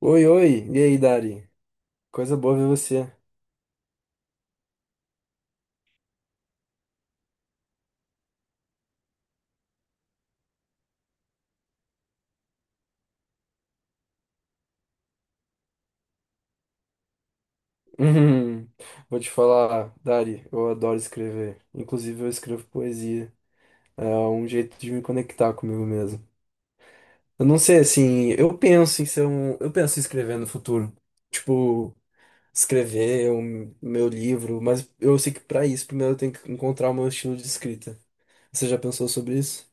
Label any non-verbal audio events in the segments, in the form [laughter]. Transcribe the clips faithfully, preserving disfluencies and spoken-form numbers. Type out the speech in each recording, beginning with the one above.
Oi, oi, e aí, Dari? Coisa boa ver você. [laughs] Hum, vou te falar, Dari, eu adoro escrever. Inclusive, eu escrevo poesia. É um jeito de me conectar comigo mesmo. Eu não sei, assim, eu penso em ser um. Eu penso em escrever no futuro. Tipo, escrever o meu livro, mas eu sei que pra isso, primeiro eu tenho que encontrar o meu estilo de escrita. Você já pensou sobre isso?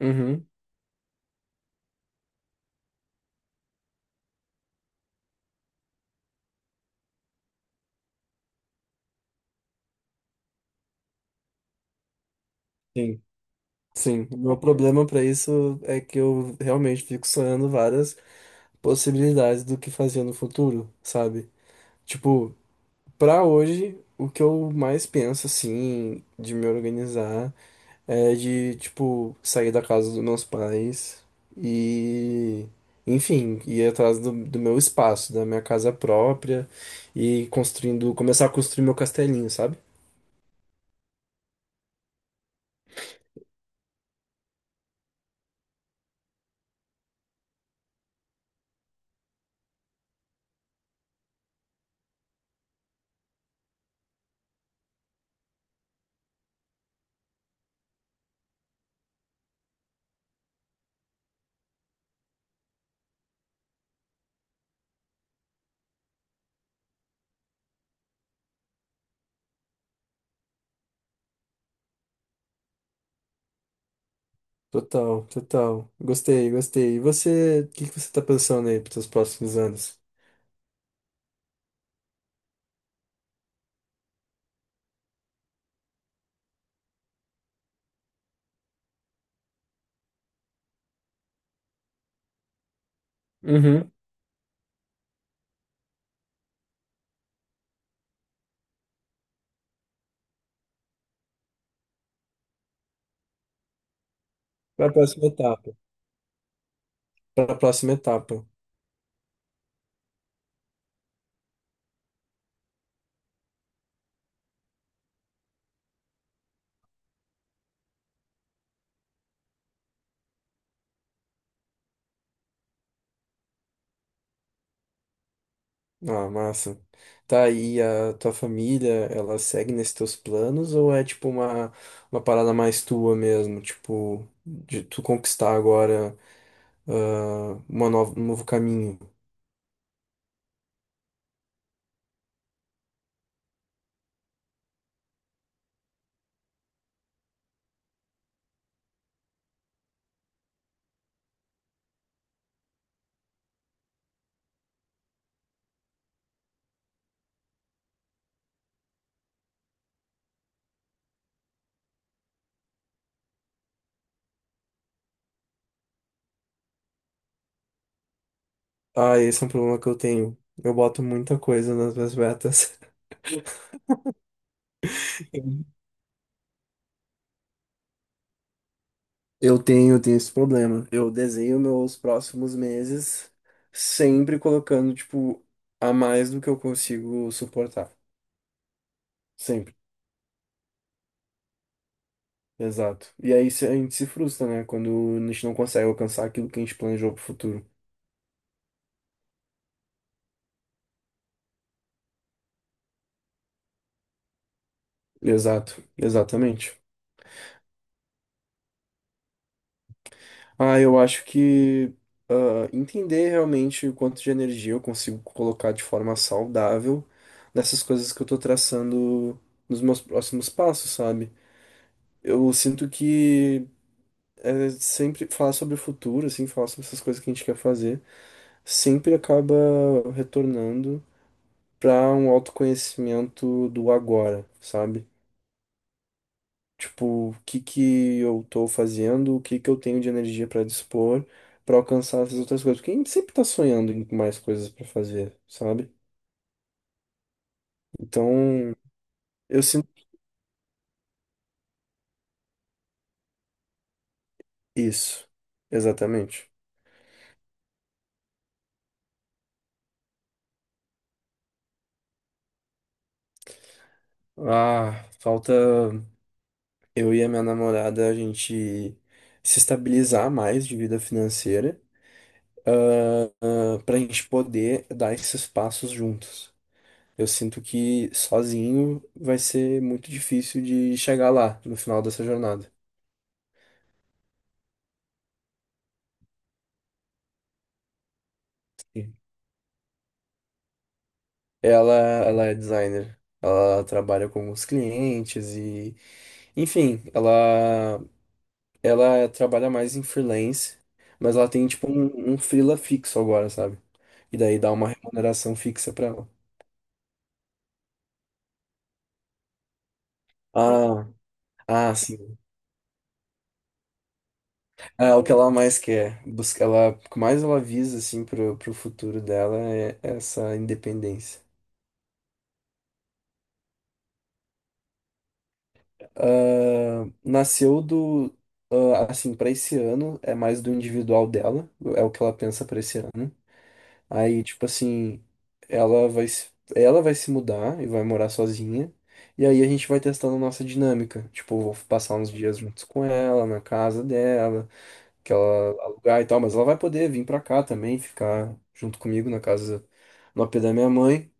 Uhum. Sim, sim. O meu problema pra isso é que eu realmente fico sonhando várias possibilidades do que fazer no futuro, sabe? Tipo, pra hoje, o que eu mais penso, assim, de me organizar é de, tipo, sair da casa dos meus pais e, enfim, ir atrás do, do meu espaço, da minha casa própria e construindo, começar a construir meu castelinho, sabe? Total, total. Gostei, gostei. E você, o que que você tá pensando aí para os próximos anos? Uhum. Para a próxima etapa. Para a próxima etapa. Ah, massa. Tá, e a tua família, ela segue nesses teus planos ou é tipo uma, uma parada mais tua mesmo? Tipo, de tu conquistar agora, ah, uma nova, um novo caminho? Ah, esse é um problema que eu tenho. Eu boto muita coisa nas minhas metas. [laughs] Eu tenho, eu tenho esse problema. Eu desenho meus próximos meses sempre colocando, tipo, a mais do que eu consigo suportar. Sempre. Exato. E aí se- a gente se frustra, né? Quando a gente não consegue alcançar aquilo que a gente planejou pro futuro. Exato, exatamente. Ah, eu acho que, ah, entender realmente o quanto de energia eu consigo colocar de forma saudável nessas coisas que eu tô traçando nos meus próximos passos, sabe? Eu sinto que, é, sempre falar sobre o futuro, assim, falar sobre essas coisas que a gente quer fazer, sempre acaba retornando para um autoconhecimento do agora, sabe? Tipo, o que que eu tô fazendo, o que que eu tenho de energia para dispor para alcançar essas outras coisas. Porque a gente sempre tá sonhando em mais coisas para fazer, sabe? Então, eu sinto isso. Exatamente. Ah, falta eu e a minha namorada a gente se estabilizar mais de vida financeira, ah, para a gente poder dar esses passos juntos. Eu sinto que sozinho vai ser muito difícil de chegar lá no final dessa jornada. Ela, ela é designer. Ela trabalha com os clientes e, enfim, ela, ela trabalha mais em freelance, mas ela tem tipo um, um freela fixo agora, sabe? E daí dá uma remuneração fixa pra ela. Ah, ah, sim. É o que ela mais quer, busca, ela, o que mais ela visa assim pro, pro futuro dela é essa independência. Ah, nasceu do. Ah, assim, pra esse ano, é mais do individual dela, é o que ela pensa pra esse ano. Aí, tipo assim, ela vai, se- ela vai se mudar e vai morar sozinha. E aí a gente vai testando a nossa dinâmica. Tipo, vou passar uns dias juntos com ela, na casa dela, que ela alugar e tal, mas ela vai poder vir pra cá também, ficar junto comigo na casa, no A P da minha mãe.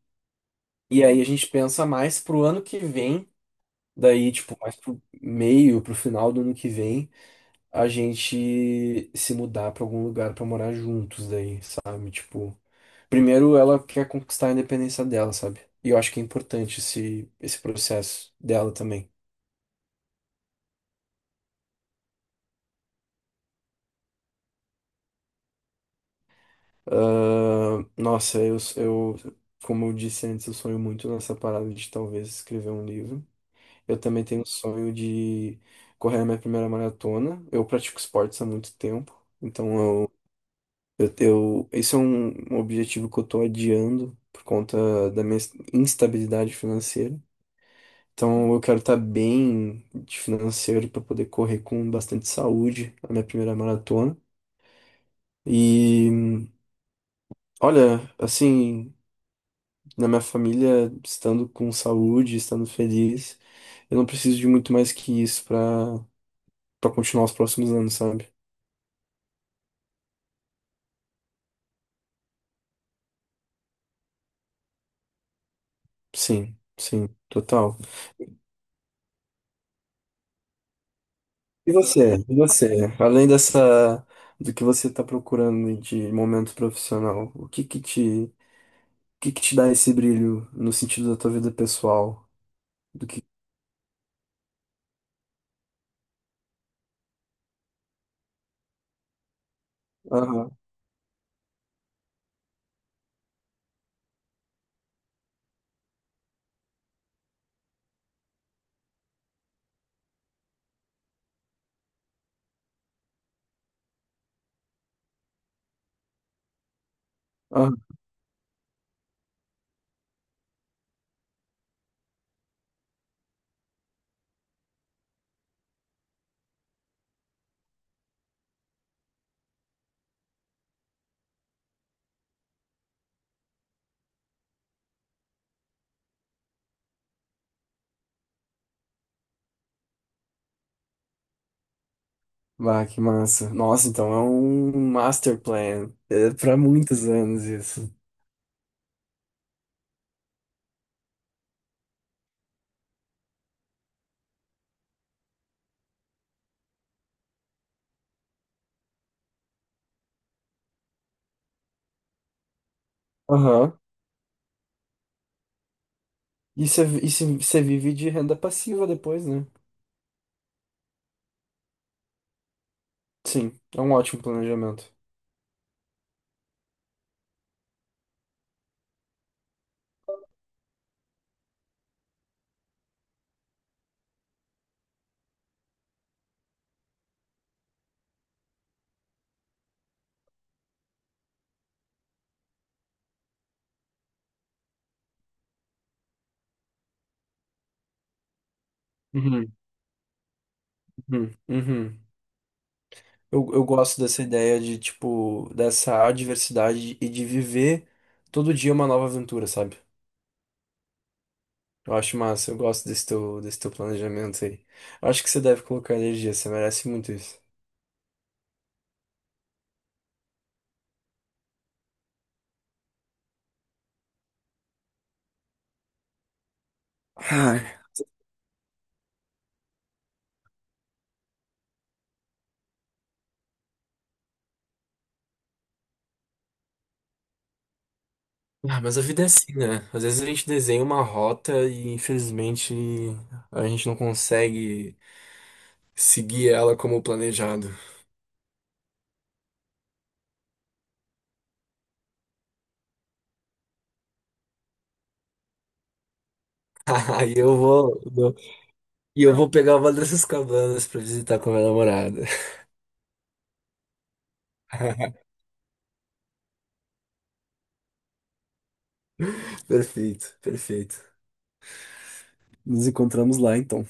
E aí a gente pensa mais pro ano que vem. Daí, tipo, mais pro meio, pro final do ano que vem, a gente se mudar pra algum lugar pra morar juntos daí, sabe? Tipo, primeiro ela quer conquistar a independência dela, sabe? E eu acho que é importante esse, esse processo dela também. Ah, nossa, eu, eu, como eu disse antes, eu sonho muito nessa parada de talvez escrever um livro. Eu também tenho o sonho de correr a minha primeira maratona. Eu pratico esportes há muito tempo, então Eu, eu, esse é um um objetivo que eu tô adiando por conta da minha instabilidade financeira. Então, eu quero estar bem de financeiro para poder correr com bastante saúde a minha primeira maratona. E, olha, assim, na minha família, estando com saúde, estando feliz, eu não preciso de muito mais que isso para para continuar os próximos anos, sabe? Sim, sim, total. E você? E você? Além dessa, do que você está procurando de momento profissional, o que que te, o que que te dá esse brilho no sentido da tua vida pessoal? Do que... Aham, aham. Bah, que massa. Nossa, então é um master plan. É para muitos anos isso. Aham. E você e você- você vive de renda passiva depois, né? Sim, é um ótimo planejamento. Uhum, uhum, uhum. Eu, eu gosto dessa ideia de, tipo, dessa adversidade e de viver todo dia uma nova aventura, sabe? Eu acho massa, eu gosto desse teu, desse teu planejamento aí. Eu acho que você deve colocar energia, você merece muito isso. Ai. Ah, mas a vida é assim, né? Às vezes a gente desenha uma rota e infelizmente a gente não consegue seguir ela como planejado. [laughs] Aí eu vou, eu- e eu vou pegar uma dessas cabanas pra visitar com a minha namorada. [laughs] Perfeito, perfeito. Nos encontramos lá, então.